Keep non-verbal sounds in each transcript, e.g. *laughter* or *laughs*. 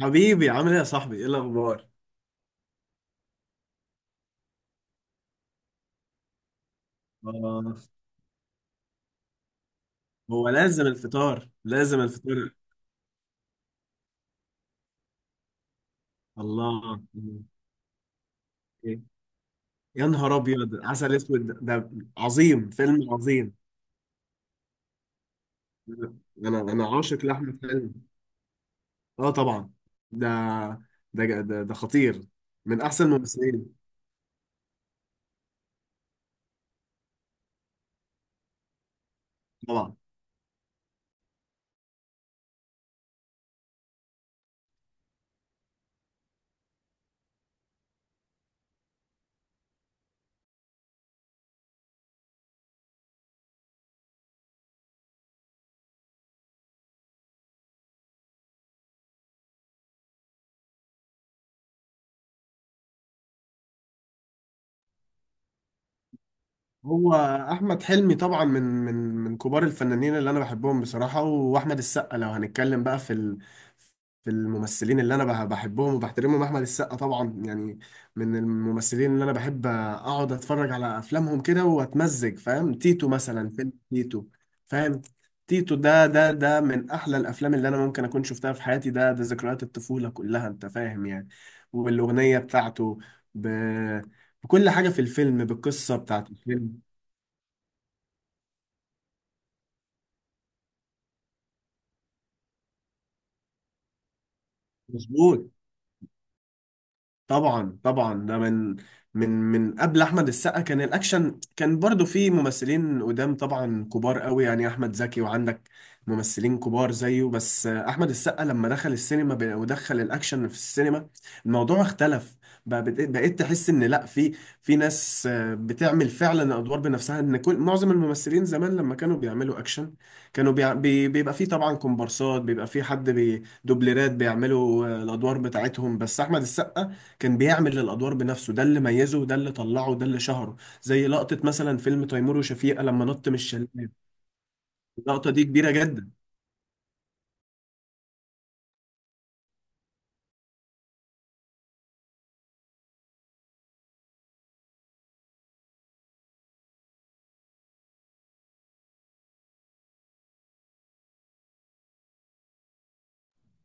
حبيبي عامل ايه يا صاحبي ايه الاخبار. آه، هو لازم الفطار لازم الفطار. الله. إيه؟ يا نهار ابيض عسل اسود ده عظيم، فيلم عظيم. انا عاشق لاحمد حلمي، اه طبعا. ده ده خطير. من احسن الممثلين طبعا. هو احمد حلمي طبعا من كبار الفنانين اللي انا بحبهم بصراحه. واحمد السقا لو هنتكلم بقى في الممثلين اللي انا بحبهم وبحترمهم، احمد السقا طبعا يعني من الممثلين اللي انا بحب اقعد اتفرج على افلامهم كده واتمزج، فاهم؟ تيتو مثلا، فيلم تيتو فاهم. تيتو ده من احلى الافلام اللي انا ممكن اكون شفتها في حياتي، ده ذكريات الطفوله كلها، انت فاهم يعني. والاغنيه بتاعته، ب... بكل حاجه في الفيلم، بالقصه بتاعت الفيلم. مظبوط، طبعا ده من من قبل احمد السقا كان الاكشن، كان برضو في ممثلين قدام طبعا كبار قوي يعني احمد زكي، وعندك ممثلين كبار زيه. بس احمد السقا لما دخل السينما ودخل الاكشن في السينما، الموضوع اختلف. بقى بقيت تحس ان لا، في ناس بتعمل فعلا ادوار بنفسها. ان كل معظم الممثلين زمان لما كانوا بيعملوا اكشن كانوا بيع- بي بيبقى في طبعا كومبارسات، بيبقى في حد بي دوبلرات بيعملوا الادوار بتاعتهم. بس احمد السقا كان بيعمل الادوار بنفسه، ده اللي ميزه وده اللي طلعه وده اللي شهره. زي لقطة مثلا فيلم تيمور وشفيقة لما نط من الشلال، اللقطة دي كبيرة جدا.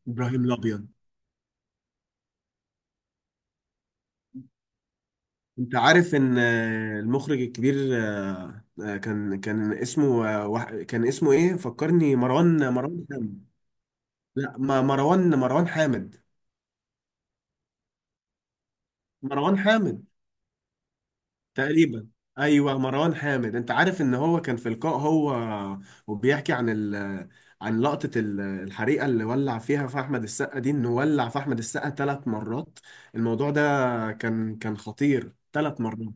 ابراهيم الابيض، انت عارف ان المخرج الكبير كان كان اسمه، كان اسمه ايه فكرني، مروان، مروان حامد. لا مروان، مروان حامد. مروان حامد تقريبا. ايوه مروان حامد، انت عارف ان هو كان في لقاء، هو وبيحكي عن عن لقطة الحريقة اللي ولع فيها في أحمد السقا دي، إنه ولع في أحمد السقا ثلاث مرات. الموضوع ده كان، كان خطير، ثلاث مرات.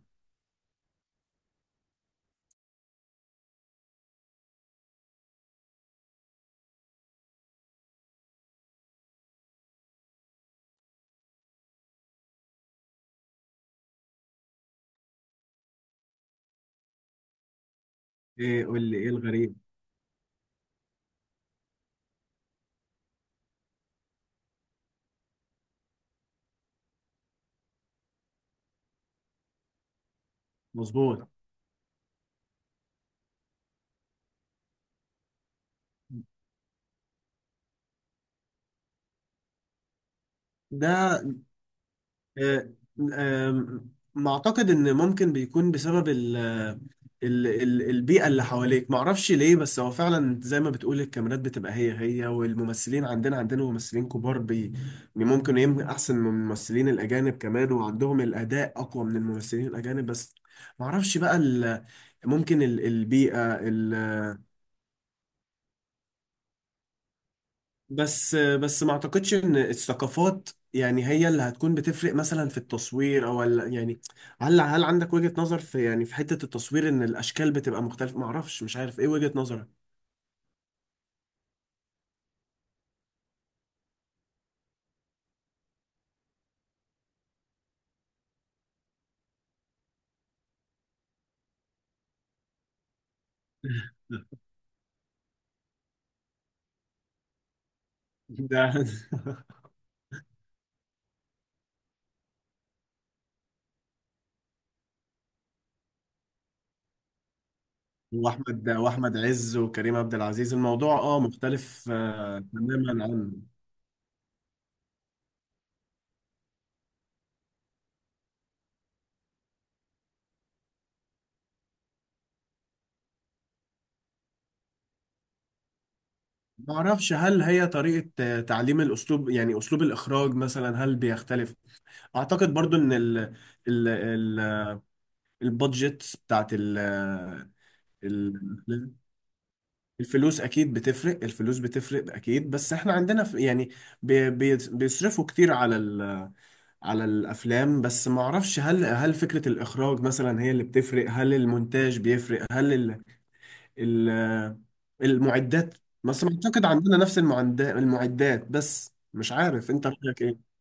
إيه قول لي إيه الغريب. مظبوط. ده آه، آه، ما اعتقد ان ممكن بيكون بسبب ال البيئة اللي حواليك، ما اعرفش ليه، بس هو فعلا زي ما بتقول الكاميرات بتبقى هي هي. والممثلين عندنا ممثلين كبار ممكن يمكن احسن من الممثلين الاجانب كمان، وعندهم الاداء اقوى من الممثلين الاجانب. بس ما اعرفش بقى ممكن البيئة. بس ما اعتقدش ان الثقافات يعني هي اللي هتكون بتفرق مثلا في التصوير او يعني هل عندك وجهة نظر في يعني في حتة التصوير، ان الاشكال بتبقى مختلفة؟ ما اعرفش، مش عارف ايه وجهة نظرك. *laughs* ده واحمد عز وكريم عبد العزيز، الموضوع اه مختلف آه تماما عنه. ما اعرفش هل هي طريقة تعليم الاسلوب، يعني اسلوب الاخراج مثلا هل بيختلف. اعتقد برضو ان ال البادجت بتاعت ال- الفلوس اكيد بتفرق، الفلوس بتفرق اكيد. بس احنا عندنا في يعني بيصرفوا كتير على على الافلام. بس ما اعرفش هل فكرة الاخراج مثلا هي اللي بتفرق؟ هل المونتاج بيفرق؟ هل ال ال المعدات؟ بس ما اعتقد عندنا نفس المعدات، المعدات. بس مش عارف انت رأيك إيه؟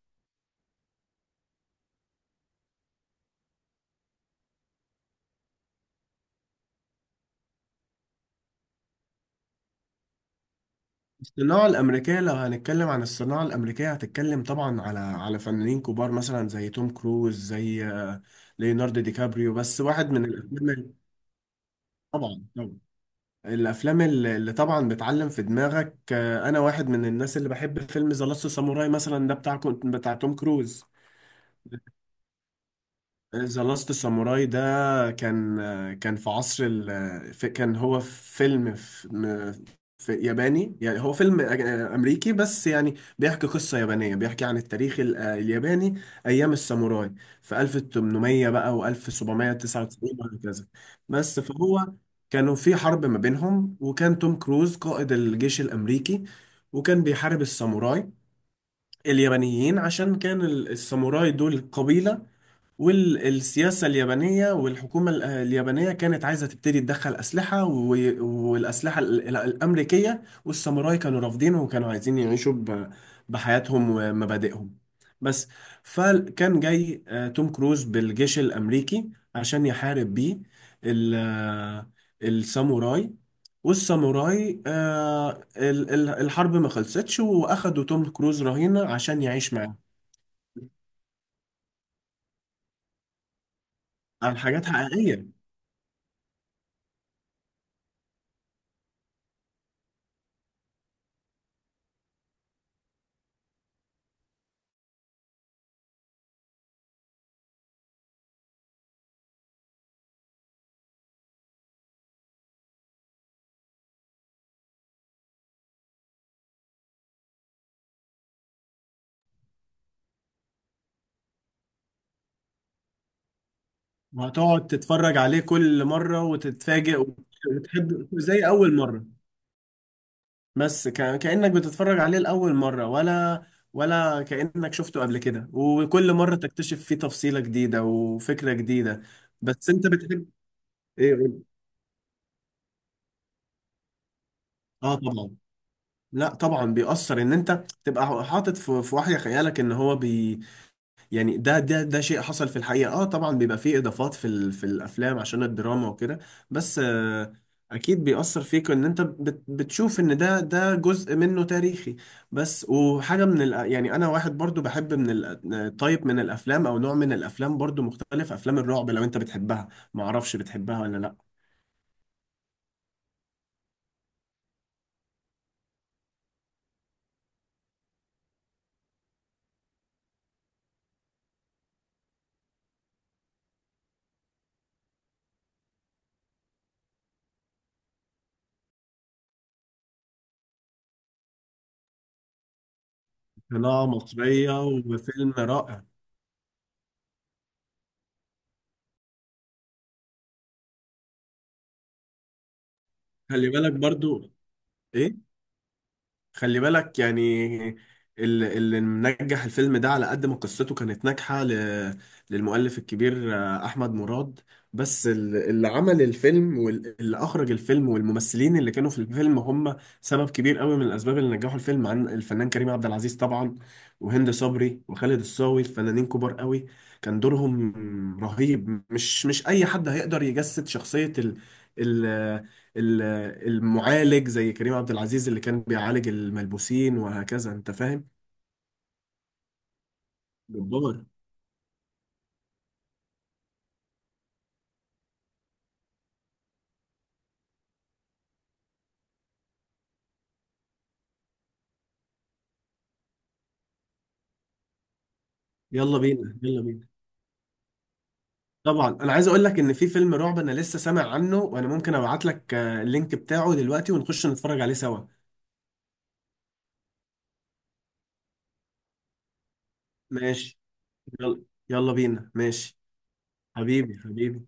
الصناعة الأمريكية لو هنتكلم عن الصناعة الأمريكية هتتكلم طبعا على فنانين كبار مثلا زي توم كروز، زي ليوناردو دي كابريو. بس واحد من الأفلام طبعا طبعا، الأفلام اللي طبعا بتعلم في دماغك، أنا واحد من الناس اللي بحب فيلم ذا لاست ساموراي مثلا، ده بتاع توم كروز. ذا لاست ساموراي ده كان، كان في عصر كان هو فيلم في ياباني، يعني هو فيلم أمريكي بس يعني بيحكي قصة يابانية، بيحكي عن التاريخ الياباني أيام الساموراي في 1800 بقى و1799 وهكذا. بس فهو كانوا في حرب ما بينهم، وكان توم كروز قائد الجيش الأمريكي وكان بيحارب الساموراي اليابانيين. عشان كان الساموراي دول قبيلة، والسياسة اليابانية والحكومة اليابانية كانت عايزة تبتدي تدخل أسلحة والأسلحة الأمريكية، والساموراي كانوا رافضينه وكانوا عايزين يعيشوا بحياتهم ومبادئهم بس. فكان جاي توم كروز بالجيش الأمريكي عشان يحارب بيه ال- آه، الساموراي. والساموراي الحرب ما خلصتش، وأخدوا توم كروز رهينة عشان يعيش معاهم. عن حاجات حقيقية. وهتقعد تتفرج عليه كل مرة وتتفاجئ وتحب زي أول مرة. بس كأنك بتتفرج عليه لأول مرة، ولا كأنك شفته قبل كده وكل مرة تكتشف فيه تفصيلة جديدة وفكرة جديدة. بس أنت بتحب إيه قول. آه طبعا. لا طبعا بيأثر، إن أنت تبقى حاطط في في وحي خيالك إن هو يعني ده شيء حصل في الحقيقة. اه طبعا بيبقى فيه اضافات في الافلام عشان الدراما وكده بس آه، اكيد بيأثر فيك ان انت بتشوف ان ده جزء منه تاريخي بس. وحاجة من ال يعني انا واحد برضو بحب من ال، طيب، من الافلام او نوع من الافلام برضو مختلف، افلام الرعب لو انت بتحبها، ما اعرفش بتحبها ولا لا. قناة مصرية وفيلم رائع. خلي بالك برضو. ايه؟ خلي بالك يعني اللي منجح الفيلم ده على قد ما قصته كانت ناجحة للمؤلف الكبير أحمد مراد. بس اللي عمل الفيلم واللي أخرج الفيلم والممثلين اللي كانوا في الفيلم هم سبب كبير قوي من الأسباب اللي نجحوا الفيلم، عن الفنان كريم عبد العزيز طبعا وهند صبري وخالد الصاوي، فنانين كبار قوي. كان دورهم رهيب، مش أي حد هيقدر يجسد شخصية ال ال- المعالج زي كريم عبد العزيز اللي كان بيعالج الملبوسين وهكذا، انت فاهم. جبار. يلا بينا. طبعا انا عايز اقول لك ان في فيلم رعب انا لسه سامع عنه، وانا ممكن ابعت لك اللينك بتاعه دلوقتي ونخش نتفرج عليه سوا. ماشي. يلا، يلا بينا. ماشي. حبيبي، حبيبي.